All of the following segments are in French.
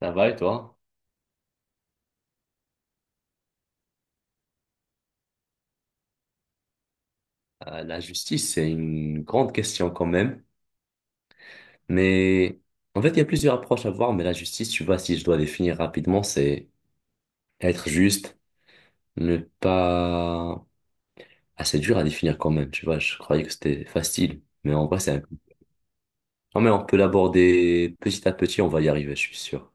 Ça va et toi? La justice, c'est une grande question quand même. Mais en fait, il y a plusieurs approches à voir. Mais la justice, tu vois, si je dois définir rapidement, c'est être juste, ne pas... Ah, c'est dur à définir quand même, tu vois. Je croyais que c'était facile. Mais en vrai, c'est un... peu... Non, mais on peut l'aborder petit à petit, on va y arriver, je suis sûr.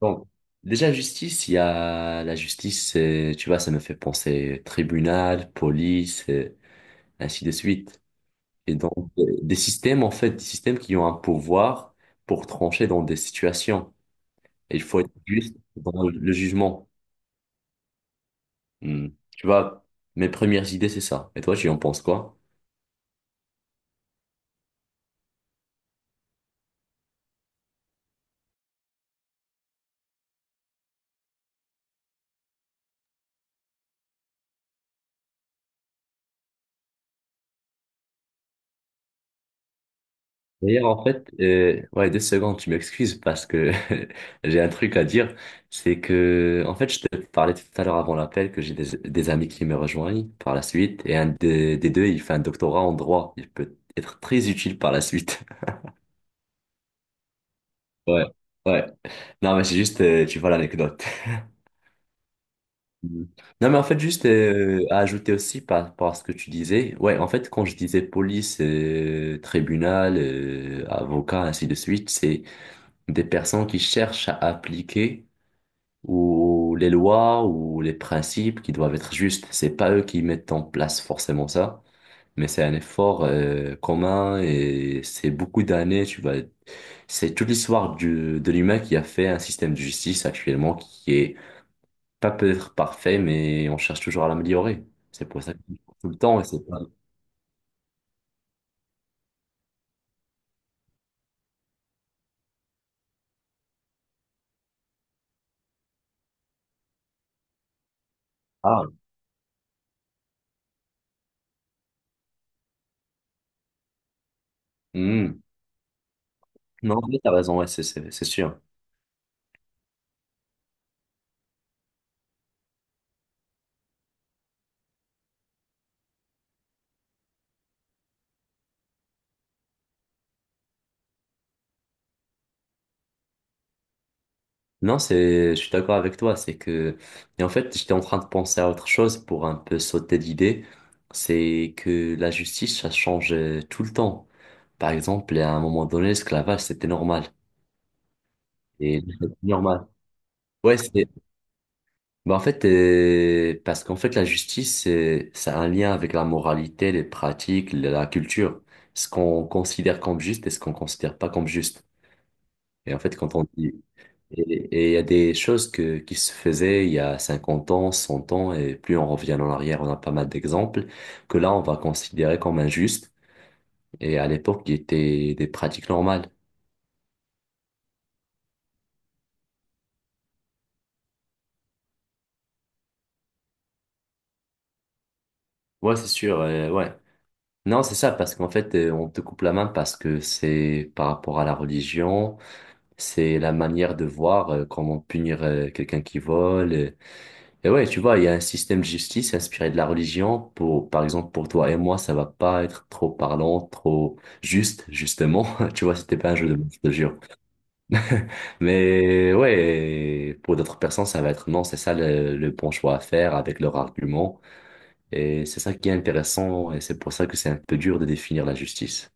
Donc, déjà, justice, il y a la justice, tu vois, ça me fait penser tribunal, police, et ainsi de suite. Et donc, des systèmes, en fait, des systèmes qui ont un pouvoir pour trancher dans des situations. Et il faut être juste dans le jugement. Hmm. Tu vois, mes premières idées, c'est ça. Et toi, tu en penses quoi? D'ailleurs, en fait, ouais, deux secondes, tu m'excuses parce que j'ai un truc à dire. C'est que, en fait, je te parlais tout à l'heure avant l'appel que j'ai des amis qui me rejoignent par la suite. Et un des deux, il fait un doctorat en droit. Il peut être très utile par la suite. Ouais, ouais. Non, mais c'est juste, tu vois l'anecdote. Mm. Non, mais en fait, juste à ajouter aussi par rapport à ce que tu disais, ouais, en fait, quand je disais police, tribunal, avocat, ainsi de suite, c'est des personnes qui cherchent à appliquer ou les lois ou les principes qui doivent être justes. C'est pas eux qui mettent en place forcément ça, mais c'est un effort commun et c'est beaucoup d'années, tu vois. C'est toute l'histoire de l'humain qui a fait un système de justice actuellement qui est pas peut-être parfait, mais on cherche toujours à l'améliorer. C'est pour ça que tout le temps, et c'est pas... Ah, hmm. Non, mais t'as raison, ouais, c'est sûr. Non, c'est, je suis d'accord avec toi. C'est que, et en fait, j'étais en train de penser à autre chose pour un peu sauter d'idée. C'est que la justice, ça change tout le temps. Par exemple, à un moment donné, l'esclavage, c'était normal. Et normal. Ouais, c'est bah en fait, parce qu'en fait, la justice, c'est un lien avec la moralité, les pratiques, la culture. Ce qu'on considère comme juste et ce qu'on considère pas comme juste. Et en fait, quand on dit, et et il y a des choses qui se faisaient il y a 50 ans, 100 ans, et plus on revient en arrière, on a pas mal d'exemples, que là, on va considérer comme injuste, et à l'époque, qui étaient des pratiques normales. Ouais, c'est sûr, ouais. Non, c'est ça, parce qu'en fait, on te coupe la main parce que c'est par rapport à la religion. C'est la manière de voir comment punir quelqu'un qui vole. Et ouais, tu vois, il y a un système de justice inspiré de la religion. Pour, par exemple, pour toi et moi, ça va pas être trop parlant, trop juste, justement. Tu vois, c'était pas un jeu de mots, je te jure. Mais ouais, pour d'autres personnes, ça va être non, c'est ça le bon choix à faire avec leur argument. Et c'est ça qui est intéressant. Et c'est pour ça que c'est un peu dur de définir la justice.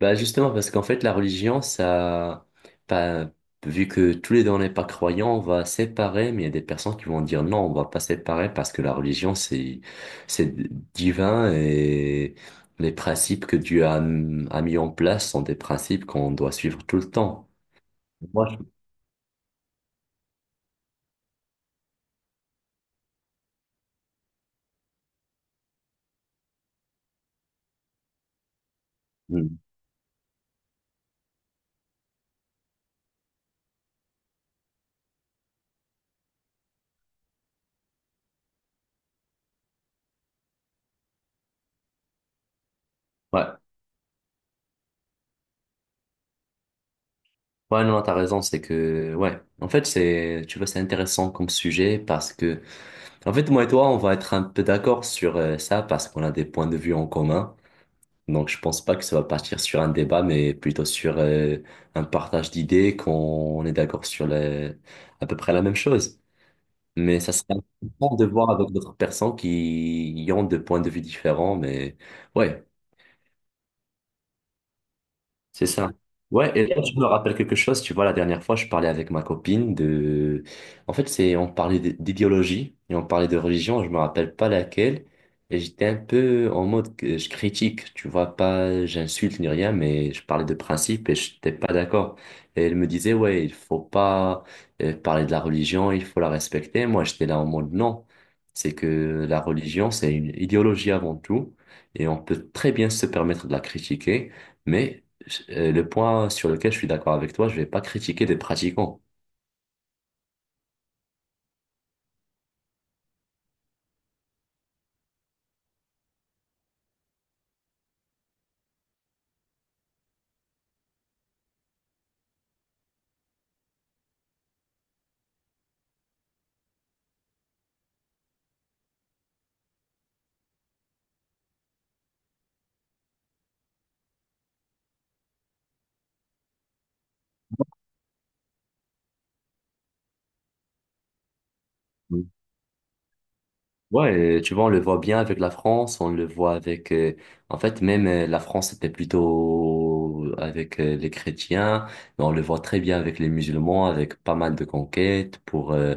Bah justement, parce qu'en fait, la religion, ça, pas vu que tous les deux on n'est pas croyants, on va séparer, mais il y a des personnes qui vont dire non, on va pas séparer parce que la religion, c'est divin et les principes que Dieu a mis en place sont des principes qu'on doit suivre tout le temps. Moi, je- Mm. Ouais. Ouais, non, t'as raison, c'est que, ouais. En fait, c'est, tu vois, c'est intéressant comme sujet parce que, en fait, moi et toi, on va être un peu d'accord sur ça parce qu'on a des points de vue en commun. Donc, je pense pas que ça va partir sur un débat, mais plutôt sur un partage d'idées, qu'on est d'accord à peu près la même chose. Mais ça serait important de voir avec d'autres personnes qui y ont des points de vue différents. Mais ouais, c'est ça. Ouais, et là, je me rappelle quelque chose. Tu vois, la dernière fois, je parlais avec ma copine de... En fait, c'est on parlait d'idéologie et on parlait de religion, je me rappelle pas laquelle. Et j'étais un peu en mode que je critique, tu vois, pas j'insulte ni rien, mais je parlais de principe et je n'étais pas d'accord. Et elle me disait, ouais, il faut pas parler de la religion, il faut la respecter. Moi, j'étais là en mode non. C'est que la religion, c'est une idéologie avant tout et on peut très bien se permettre de la critiquer. Mais le point sur lequel je suis d'accord avec toi, je vais pas critiquer des pratiquants. Mm. Ouais, tu vois, on le voit bien avec la France, on le voit avec... en fait, même la France était plutôt avec les chrétiens, mais on le voit très bien avec les musulmans, avec pas mal de conquêtes pour...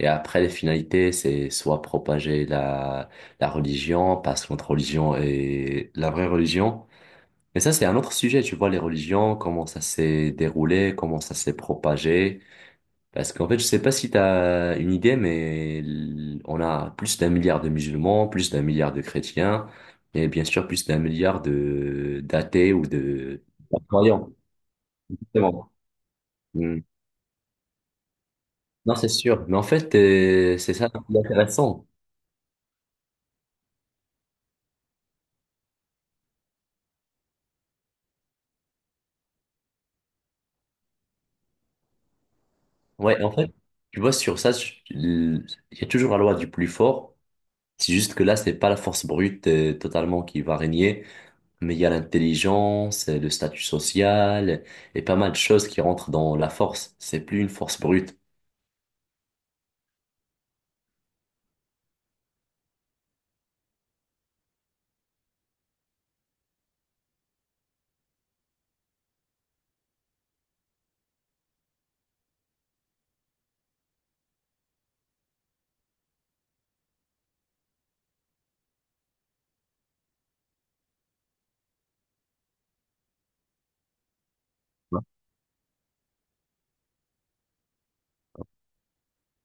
et après, les finalités, c'est soit propager la religion, parce que notre religion est la vraie religion. Mais ça, c'est un autre sujet, tu vois, les religions, comment ça s'est déroulé, comment ça s'est propagé. Parce qu'en fait, je sais pas si tu as une idée, mais on a plus d'1 milliard de musulmans, plus d'1 milliard de chrétiens, et bien sûr plus d'1 milliard de d'athées ou de croyants. Justement. Mm. Non, c'est sûr. Mais en fait, c'est ça qui est intéressant. Ouais, en fait, tu vois, sur ça, il y a toujours la loi du plus fort. C'est juste que là, c'est pas la force brute, totalement qui va régner. Mais il y a l'intelligence, le statut social et pas mal de choses qui rentrent dans la force. C'est plus une force brute. Ouais.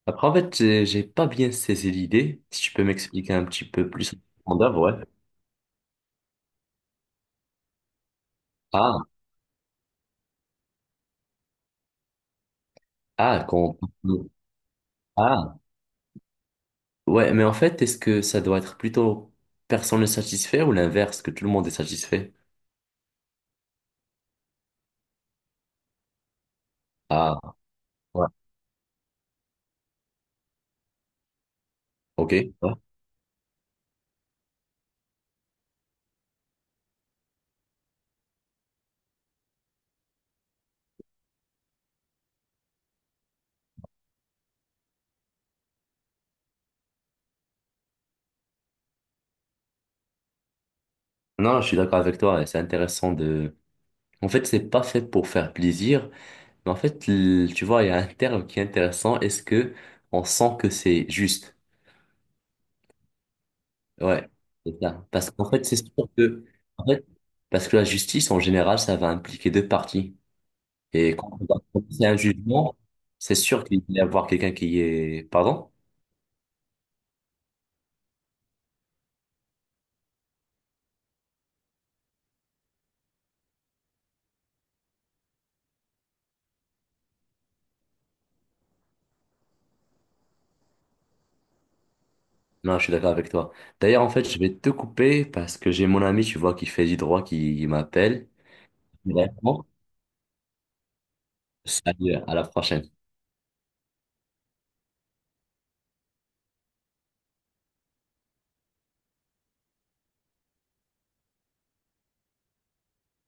Après, en fait, j'ai pas bien saisi l'idée. Si tu peux m'expliquer un petit peu plus en profondeur, ouais. Ah, ah, quand... Ah, ouais, mais en fait, est-ce que ça doit être plutôt personne ne satisfait ou l'inverse, que tout le monde est satisfait? Ah, ouais, ok. Ouais. Non, je suis d'accord avec toi. C'est intéressant de... En fait, c'est pas fait pour faire plaisir. Mais en fait, tu vois, il y a un terme qui est intéressant. Est-ce que on sent que c'est juste? Ouais, c'est ça. Parce qu'en fait, c'est sûr que, en fait, parce que la justice, en général, ça va impliquer deux parties. Et quand on va prononcer un jugement, c'est sûr qu'il va y avoir quelqu'un qui est, pardon? Non, je suis d'accord avec toi. D'ailleurs, en fait, je vais te couper parce que j'ai mon ami, tu vois, qui fait du droit, qui m'appelle. Vraiment. Salut, à la prochaine.